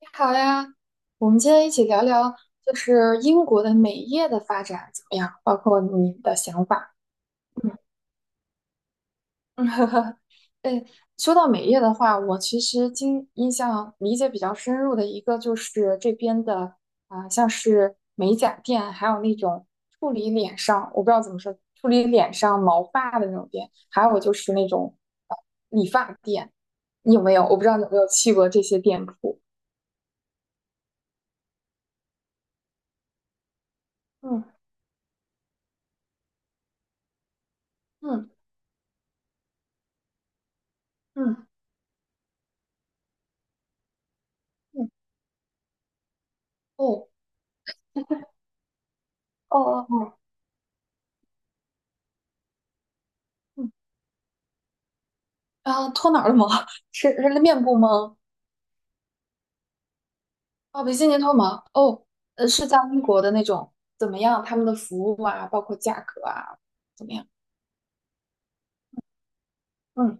你好呀，我们今天一起聊聊，就是英国的美业的发展怎么样，包括你的想法。嗯，哎，说到美业的话，我其实经印象理解比较深入的一个就是这边的啊、像是美甲店，还有那种处理脸上，我不知道怎么说，处理脸上毛发的那种店，还有就是那种呃理发店。你有没有？我不知道你有没有去过这些店铺。嗯嗯嗯嗯，哦。哦哦哦，嗯啊，脱哪儿的毛？是面部吗？哦，比基尼脱毛。哦，是在英国的那种，怎么样？他们的服务啊，包括价格啊，怎么样？嗯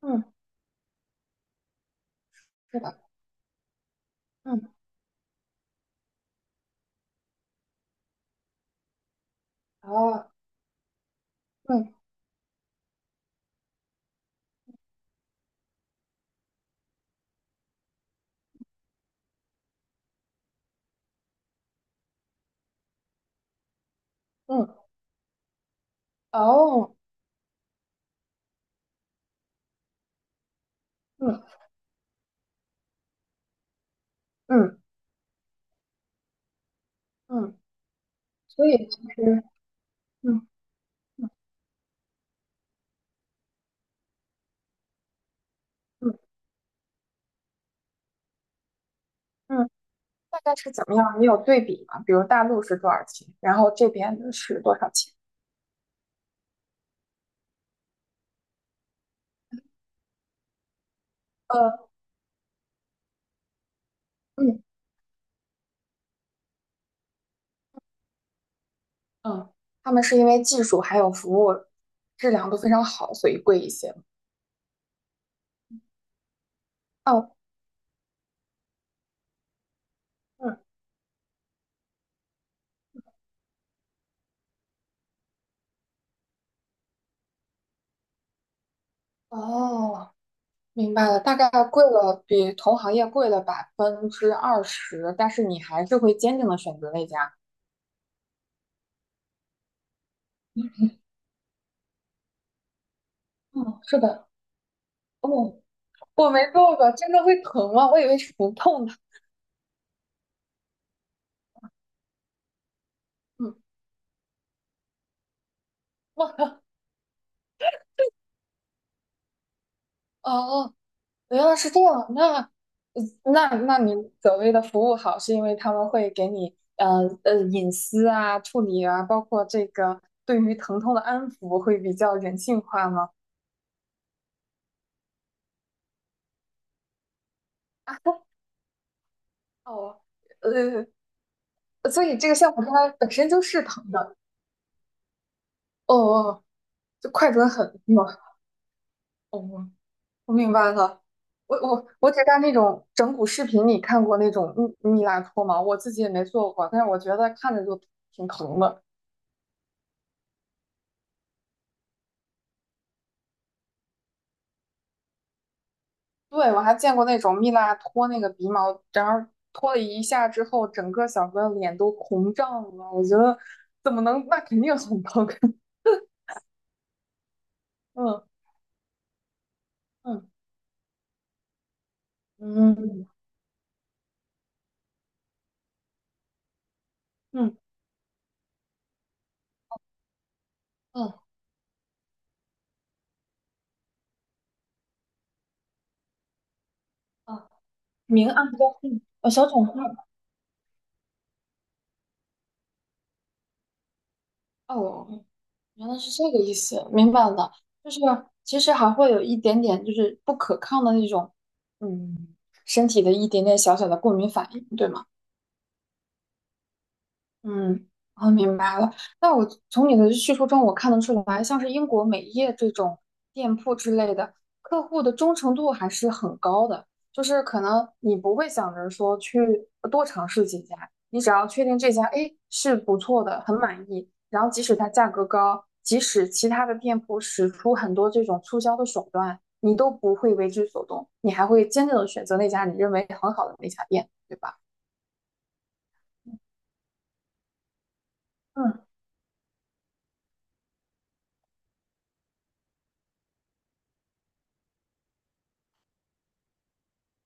嗯，是的，嗯哦，嗯嗯哦，嗯嗯嗯，所以其实，嗯嗯嗯，大概是怎么样？你有对比吗？比如大陆是多少钱，然后这边的是多少钱？呃，嗯嗯，他们是因为技术还有服务质量都非常好，所以贵一些。哦，嗯，哦，明白了，大概贵了，比同行业贵了20%，但是你还是会坚定的选择那家。嗯，是的，哦，我没做过，真的会疼吗？我以为是不痛的。嗯 哇，哦哦，原来是这样。呃那你所谓的服务好，是因为他们会给你，隐私啊、处理啊，包括这个对于疼痛的安抚，会比较人性化吗？啊，哦，呃，所以这个项目它本身就是疼的。哦，哦，就快准狠嘛。哦，我明白了。我只在那种整蛊视频里看过那种蜜蜡脱毛，我自己也没做过，但是我觉得看着就挺疼的。对，我还见过那种蜜蜡脱那个鼻毛，然后脱了一下之后，整个小哥脸都红胀了。我觉得怎么能，那肯定很疼。嗯嗯嗯嗯嗯嗯，明暗交替，小肿块哦，原来是这个意思，明白了。就是其实还会有一点点，就是不可抗的那种，嗯，身体的一点点小小的过敏反应，对吗？嗯，我明白了。那我从你的叙述中，我看得出来，像是英国美业这种店铺之类的，客户的忠诚度还是很高的。就是可能你不会想着说去多尝试几家，你只要确定这家，哎，是不错的，很满意，然后即使它价格高，即使其他的店铺使出很多这种促销的手段，你都不会为之所动，你还会坚定的选择那家你认为很好的那家店，对吧？嗯，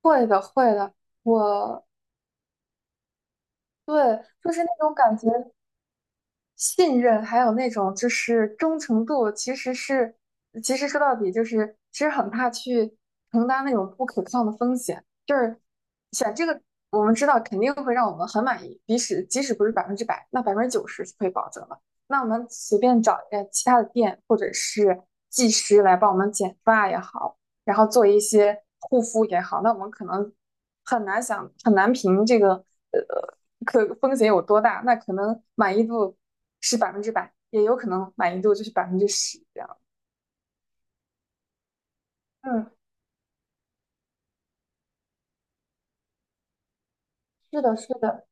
会的，会的。我对，就是那种感觉，信任还有那种就是忠诚度，其实是，其实说到底就是，其实很怕去承担那种不可抗的风险。就是选这个，我们知道肯定会让我们很满意，即使不是百分之百，那90%是可以保证的。那我们随便找一个其他的店或者是技师来帮我们剪发也好，然后做一些护肤也好，那我们可能很难想很难评这个呃可风险有多大，那可能满意度是百分之百，也有可能满意度就是10%这样。嗯，是的，是的。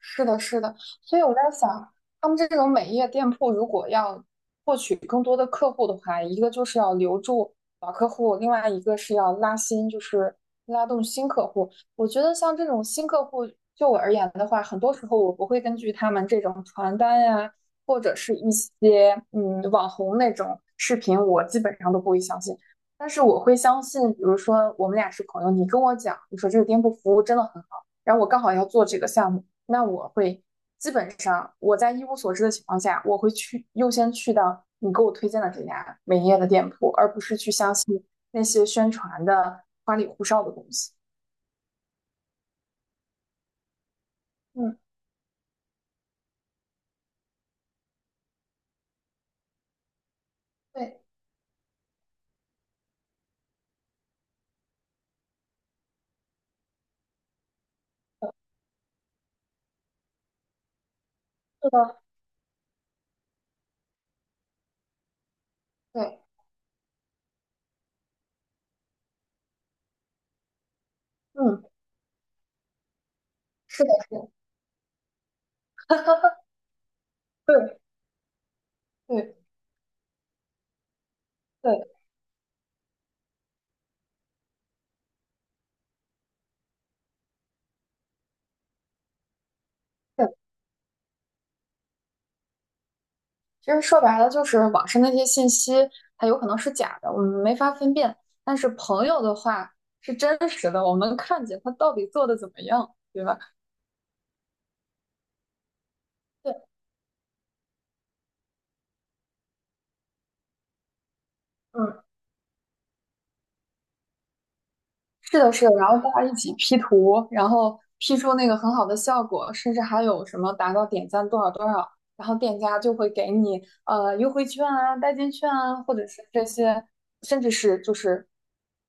是的，是的，所以我在想，他们这种美业店铺如果要获取更多的客户的话，一个就是要留住老客户，另外一个是要拉新，就是拉动新客户。我觉得像这种新客户，就我而言的话，很多时候我不会根据他们这种传单呀，或者是一些嗯网红那种视频，我基本上都不会相信。但是我会相信，比如说我们俩是朋友，你跟我讲，你说这个店铺服务真的很然后我刚好要做这个项目，那我会基本上我在一无所知的情况下，我会去优先去到你给我推荐的这家美业的店铺，而不是去相信那些宣传的花里胡哨的东西。嗯，对，是的，对，嗯，是的，对，对，对，对。其实说白了，就是网上那些信息，它有可能是假的，我们没法分辨。但是朋友的话是真实的，我们能看见他到底做的怎么样，对吧？对，嗯。是的，是的，然后大家一起 P 图，然后 P 出那个很好的效果，甚至还有什么达到点赞多少多少，然后店家就会给你呃优惠券啊、代金券啊，或者是这些，甚至是就是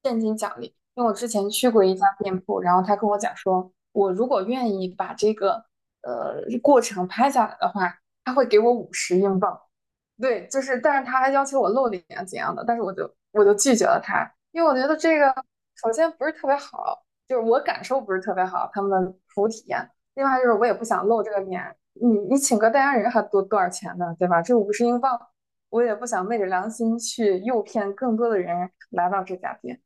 现金奖励。因为我之前去过一家店铺，然后他跟我讲说，我如果愿意把这个过程拍下来的话，他会给我五十英镑。对，就是，但是他还要求我露脸啊怎样的，但是我就拒绝了他，因为我觉得这个首先不是特别好，就是我感受不是特别好，他们的服务体验。另外就是我也不想露这个面，你你请个代言人还多多少钱呢，对吧？这五十英镑，我也不想昧着良心去诱骗更多的人来到这家店。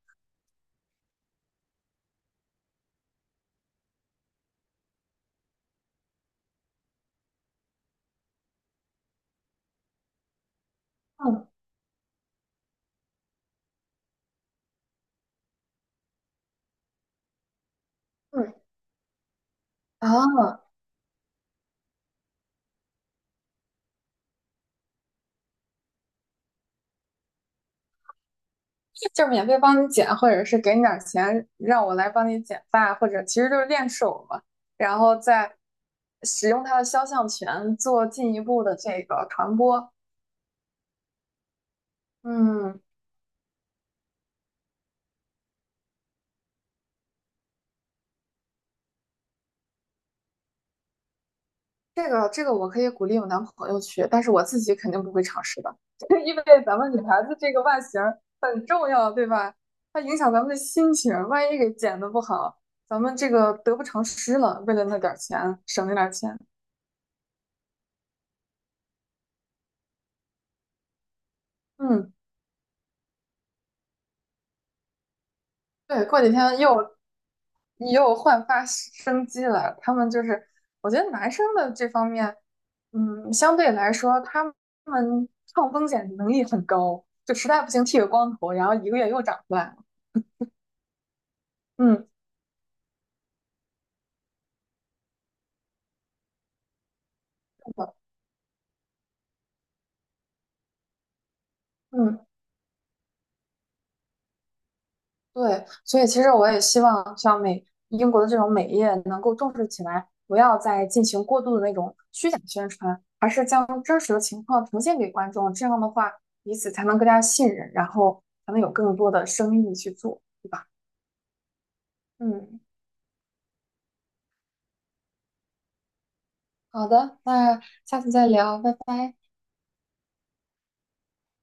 嗯嗯啊，就是免费帮你剪，或者是给你点钱让我来帮你剪发，或者其实就是练手嘛，然后再使用他的肖像权做进一步的这个传播。嗯，这个我可以鼓励我男朋友去，但是我自己肯定不会尝试的，因为咱们女孩子这个外形很重要，对吧？它影响咱们的心情，万一给剪的不好，咱们这个得不偿失了。为了那点儿钱，省那点儿钱，嗯，对，过几天又。你又焕发生机了。他们就是，我觉得男生的这方面，嗯，相对来说，他们抗风险能力很高，就实在不行剃个光头，然后一个月又长出来了。嗯，是的，嗯，对。所以其实我也希望像美英国的这种美业能够重视起来，不要再进行过度的那种虚假宣传，而是将真实的情况呈现给观众。这样的话，彼此才能更加信任，然后才能有更多的生意去做，对吧？嗯。好的，那下次再聊，拜拜。